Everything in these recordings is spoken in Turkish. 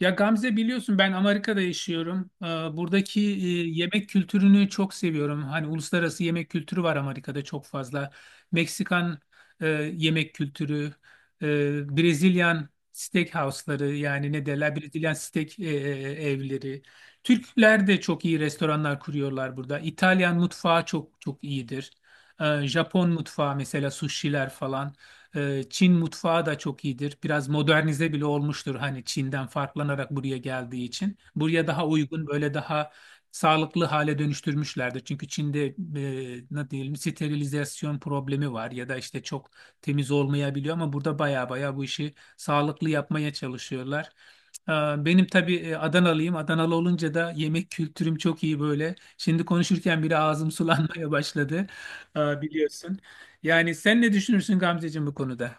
Ya Gamze biliyorsun ben Amerika'da yaşıyorum. Buradaki yemek kültürünü çok seviyorum. Hani uluslararası yemek kültürü var Amerika'da çok fazla. Meksikan e, yemek kültürü, Brezilyan steakhouse'ları yani ne derler Brezilyan steak evleri. Türkler de çok iyi restoranlar kuruyorlar burada. İtalyan mutfağı çok çok iyidir. Japon mutfağı mesela sushi'ler falan. Çin mutfağı da çok iyidir. Biraz modernize bile olmuştur hani Çin'den farklanarak buraya geldiği için. Buraya daha uygun böyle daha sağlıklı hale dönüştürmüşlerdir. Çünkü Çin'de ne diyelim sterilizasyon problemi var ya da işte çok temiz olmayabiliyor ama burada baya baya bu işi sağlıklı yapmaya çalışıyorlar. Ee, Benim tabii Adanalıyım. Adanalı olunca da yemek kültürüm çok iyi böyle. Şimdi konuşurken bile ağzım sulanmaya başladı. Biliyorsun. Yani sen ne düşünürsün Gamzeciğim bu konuda?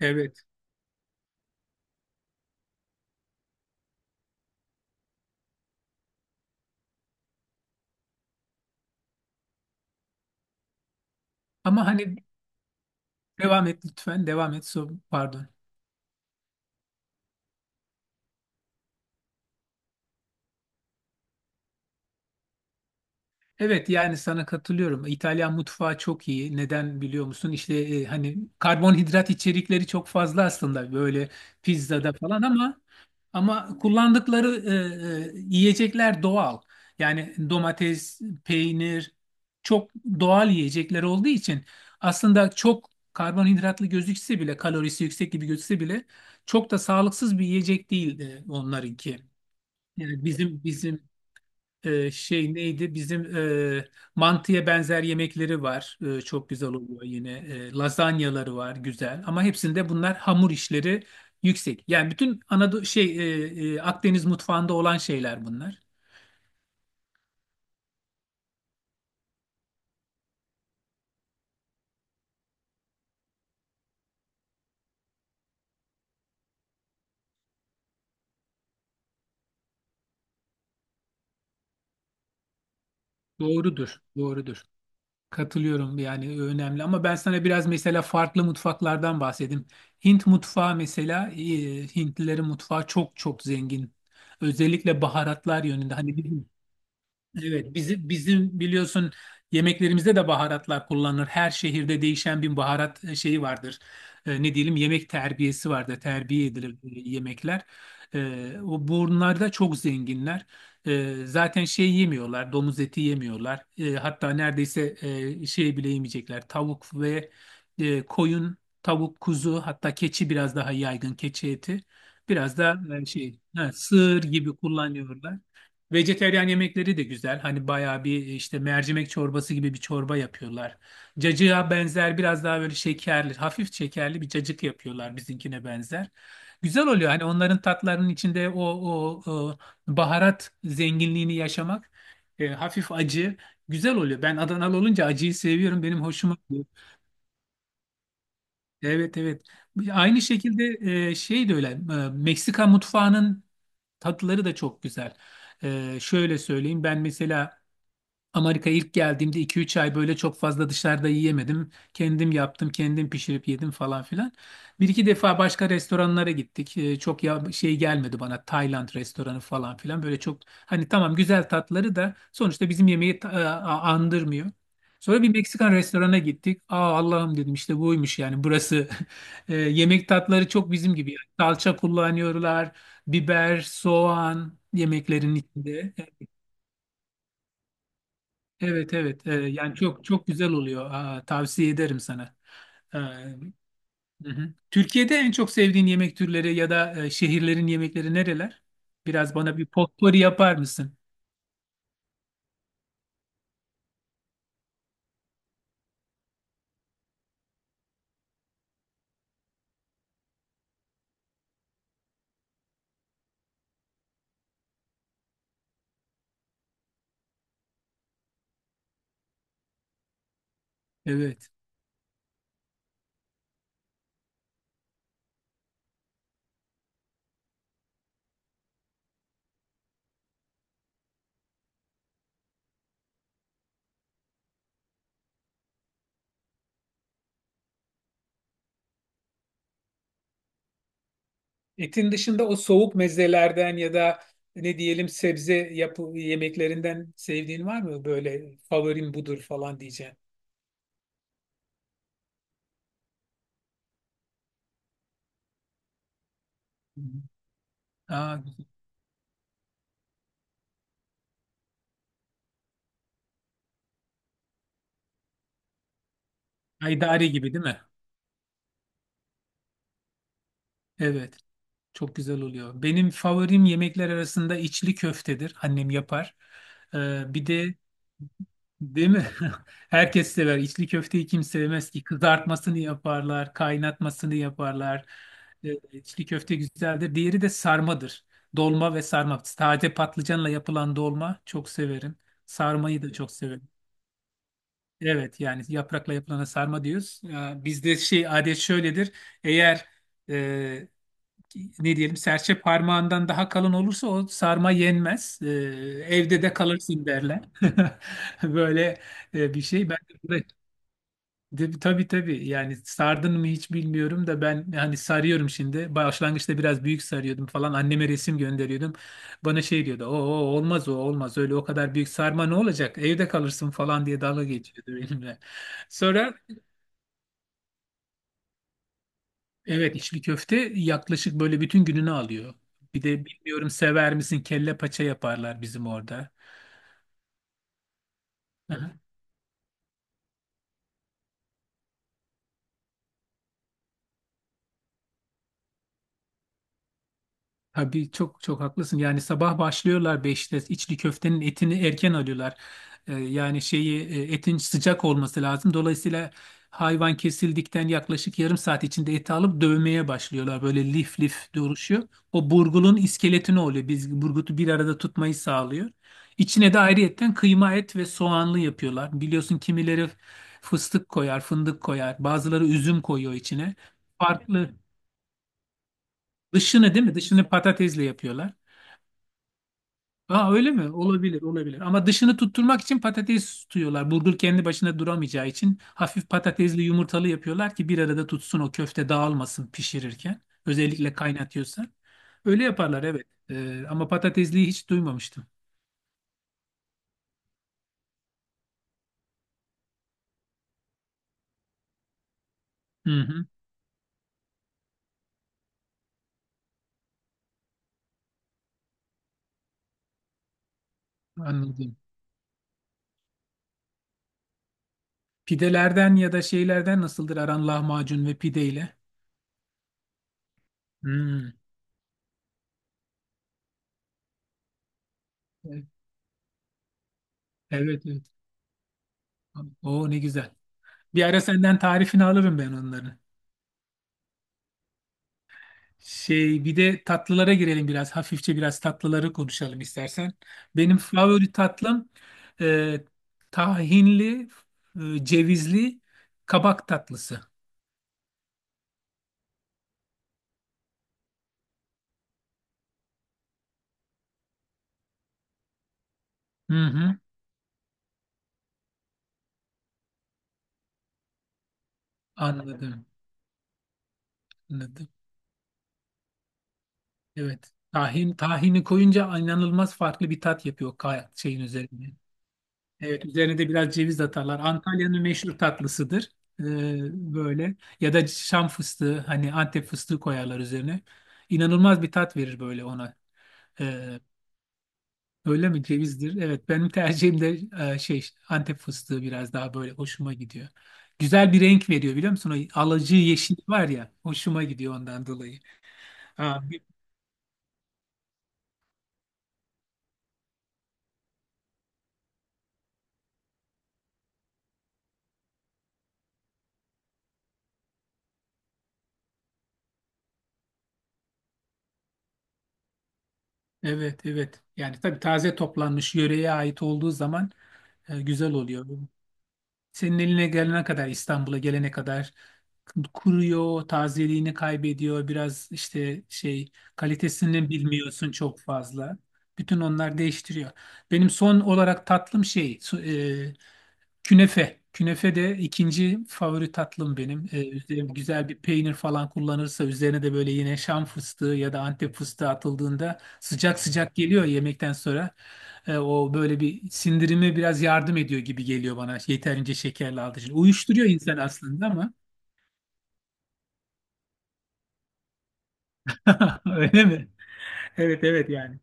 Evet. Ama hani devam et lütfen. Devam et. So, pardon. Evet yani sana katılıyorum. İtalyan mutfağı çok iyi. Neden biliyor musun? İşte hani karbonhidrat içerikleri çok fazla aslında böyle pizzada falan ama kullandıkları yiyecekler doğal. Yani domates, peynir çok doğal yiyecekler olduğu için aslında çok karbonhidratlı gözükse bile kalorisi yüksek gibi gözükse bile çok da sağlıksız bir yiyecek değil onlarınki. Yani bizim şey neydi? Bizim e, mantıya benzer yemekleri var. Çok güzel oluyor yine. Lazanyaları var güzel. Ama hepsinde bunlar hamur işleri yüksek. Yani bütün Anadolu şey Akdeniz mutfağında olan şeyler bunlar. Doğrudur, doğrudur. Katılıyorum yani önemli ama ben sana biraz mesela farklı mutfaklardan bahsedeyim. Hint mutfağı mesela Hintlilerin mutfağı çok çok zengin. Özellikle baharatlar yönünde. Hani bizim. Evet, bizim biliyorsun yemeklerimizde de baharatlar kullanılır. Her şehirde değişen bir baharat şeyi vardır. Ne diyelim yemek terbiyesi vardır. Terbiye edilir yemekler. O bunlar da çok zenginler. Zaten şey yemiyorlar, domuz eti yemiyorlar. Hatta neredeyse şey bile yemeyecekler. Tavuk ve koyun, tavuk, kuzu, hatta keçi biraz daha yaygın keçi eti. Biraz da şey, ha, sığır gibi kullanıyorlar. Vejeteryan yemekleri de güzel. Hani bayağı bir işte mercimek çorbası gibi bir çorba yapıyorlar. Cacığa benzer biraz daha böyle şekerli, hafif şekerli bir cacık yapıyorlar bizimkine benzer. Güzel oluyor. Hani onların tatlarının içinde o baharat zenginliğini yaşamak hafif acı güzel oluyor. Ben Adanalı olunca acıyı seviyorum. Benim hoşuma gidiyor. Evet, evet. Aynı şekilde şey de öyle. Meksika mutfağının tatları da çok güzel. Şöyle söyleyeyim. Ben mesela Amerika'ya ilk geldiğimde iki üç ay böyle çok fazla dışarıda yiyemedim. Kendim yaptım, kendim pişirip yedim falan filan. Bir iki defa başka restoranlara gittik. Çok ya şey gelmedi bana Tayland restoranı falan filan. Böyle çok hani tamam güzel tatları da sonuçta bizim yemeği andırmıyor. Sonra bir Meksikan restorana gittik. Aa, Allah'ım dedim işte buymuş yani burası. Yemek tatları çok bizim gibi. Yani salça kullanıyorlar, biber, soğan yemeklerin içinde. Evet, evet. Yani çok çok güzel oluyor. Aa, tavsiye ederim sana. Hı hı. Türkiye'de en çok sevdiğin yemek türleri ya da şehirlerin yemekleri nereler? Biraz bana bir potpourri yapar mısın? Evet. Etin dışında o soğuk mezelerden ya da ne diyelim sebze yapı yemeklerinden sevdiğin var mı? Böyle favorim budur falan diyeceğim. Hı hı. Aa, Haydari gibi değil mi? Evet. Çok güzel oluyor. Benim favorim yemekler arasında içli köftedir. Annem yapar. Bir de değil mi? Herkes sever. İçli köfteyi kim sevmez ki? Kızartmasını yaparlar, kaynatmasını yaparlar. İçli köfte güzeldir. Diğeri de sarmadır. Dolma ve sarma. Taze patlıcanla yapılan dolma çok severim. Sarmayı da çok severim. Evet yani yaprakla yapılana sarma diyoruz. Bizde şey adet şöyledir. Eğer e, ne diyelim serçe parmağından daha kalın olursa o sarma yenmez. Evde de kalırsın derler. Böyle bir şey. Ben de, tabii tabii yani sardın mı hiç bilmiyorum da ben hani sarıyorum şimdi. Başlangıçta biraz büyük sarıyordum falan. Anneme resim gönderiyordum. Bana şey diyordu. O, olmaz o olmaz öyle o kadar büyük sarma ne olacak? Evde kalırsın falan diye dalga geçiyordu benimle. Sonra. Evet içli köfte yaklaşık böyle bütün gününü alıyor. Bir de bilmiyorum sever misin kelle paça yaparlar bizim orada. Tabii çok çok haklısın. Yani sabah başlıyorlar 5'te içli köftenin etini erken alıyorlar. Yani şeyi etin sıcak olması lazım. Dolayısıyla hayvan kesildikten yaklaşık yarım saat içinde eti alıp dövmeye başlıyorlar. Böyle lif lif duruşuyor. O burgulun iskeletini oluyor. Biz burgutu bir arada tutmayı sağlıyor. İçine de ayrıyetten kıyma et ve soğanlı yapıyorlar. Biliyorsun kimileri fıstık koyar, fındık koyar. Bazıları üzüm koyuyor içine. Farklı. Dışını değil mi? Dışını patatesle yapıyorlar. Aa, öyle mi? Olabilir, olabilir. Ama dışını tutturmak için patates tutuyorlar. Burger kendi başına duramayacağı için hafif patatesli yumurtalı yapıyorlar ki bir arada tutsun o köfte dağılmasın pişirirken. Özellikle kaynatıyorsan. Öyle yaparlar evet. Ama patatesliyi hiç duymamıştım. Hı hı, anladım. Pidelerden ya da şeylerden nasıldır aran lahmacun ve pideyle? Hmm. Evet, evet. Evet. Ne güzel. Bir ara senden tarifini alırım ben onların. Şey bir de tatlılara girelim biraz. Hafifçe biraz tatlıları konuşalım istersen. Benim favori tatlım e, tahinli, cevizli kabak tatlısı. Hı hı. Anladım. Anladım. Evet. Tahin, tahini koyunca inanılmaz farklı bir tat yapıyor şeyin üzerine. Evet, üzerine de biraz ceviz atarlar. Antalya'nın meşhur tatlısıdır. E, böyle. Ya da Şam fıstığı, hani Antep fıstığı koyarlar üzerine. İnanılmaz bir tat verir böyle ona. Ee, öyle mi cevizdir? Evet benim tercihim de şey Antep fıstığı biraz daha böyle hoşuma gidiyor. Güzel bir renk veriyor biliyor musun? O alıcı yeşil var ya hoşuma gidiyor ondan dolayı. Ha, evet evet yani tabii taze toplanmış yöreye ait olduğu zaman güzel oluyor. Senin eline gelene kadar, İstanbul'a gelene kadar kuruyor, tazeliğini kaybediyor. Biraz işte şey kalitesini bilmiyorsun çok fazla. Bütün onlar değiştiriyor. Benim son olarak tatlım şey künefe. Künefe de ikinci favori tatlım benim. Üzerine güzel bir peynir falan kullanırsa üzerine de böyle yine Şam fıstığı ya da Antep fıstığı atıldığında sıcak sıcak geliyor yemekten sonra. O böyle bir sindirime biraz yardım ediyor gibi geliyor bana yeterince şekerli aldığı için. Uyuşturuyor insan aslında ama. Öyle mi? Evet, evet yani.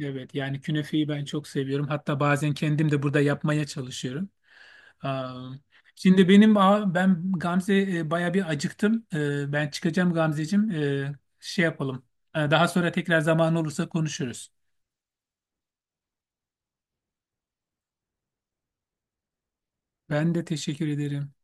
Evet yani künefeyi ben çok seviyorum. Hatta bazen kendim de burada yapmaya çalışıyorum. Aa. Şimdi ben, Gamze, baya bir acıktım. Ben çıkacağım Gamzeciğim. Şey yapalım. Daha sonra tekrar zaman olursa konuşuruz. Ben de teşekkür ederim.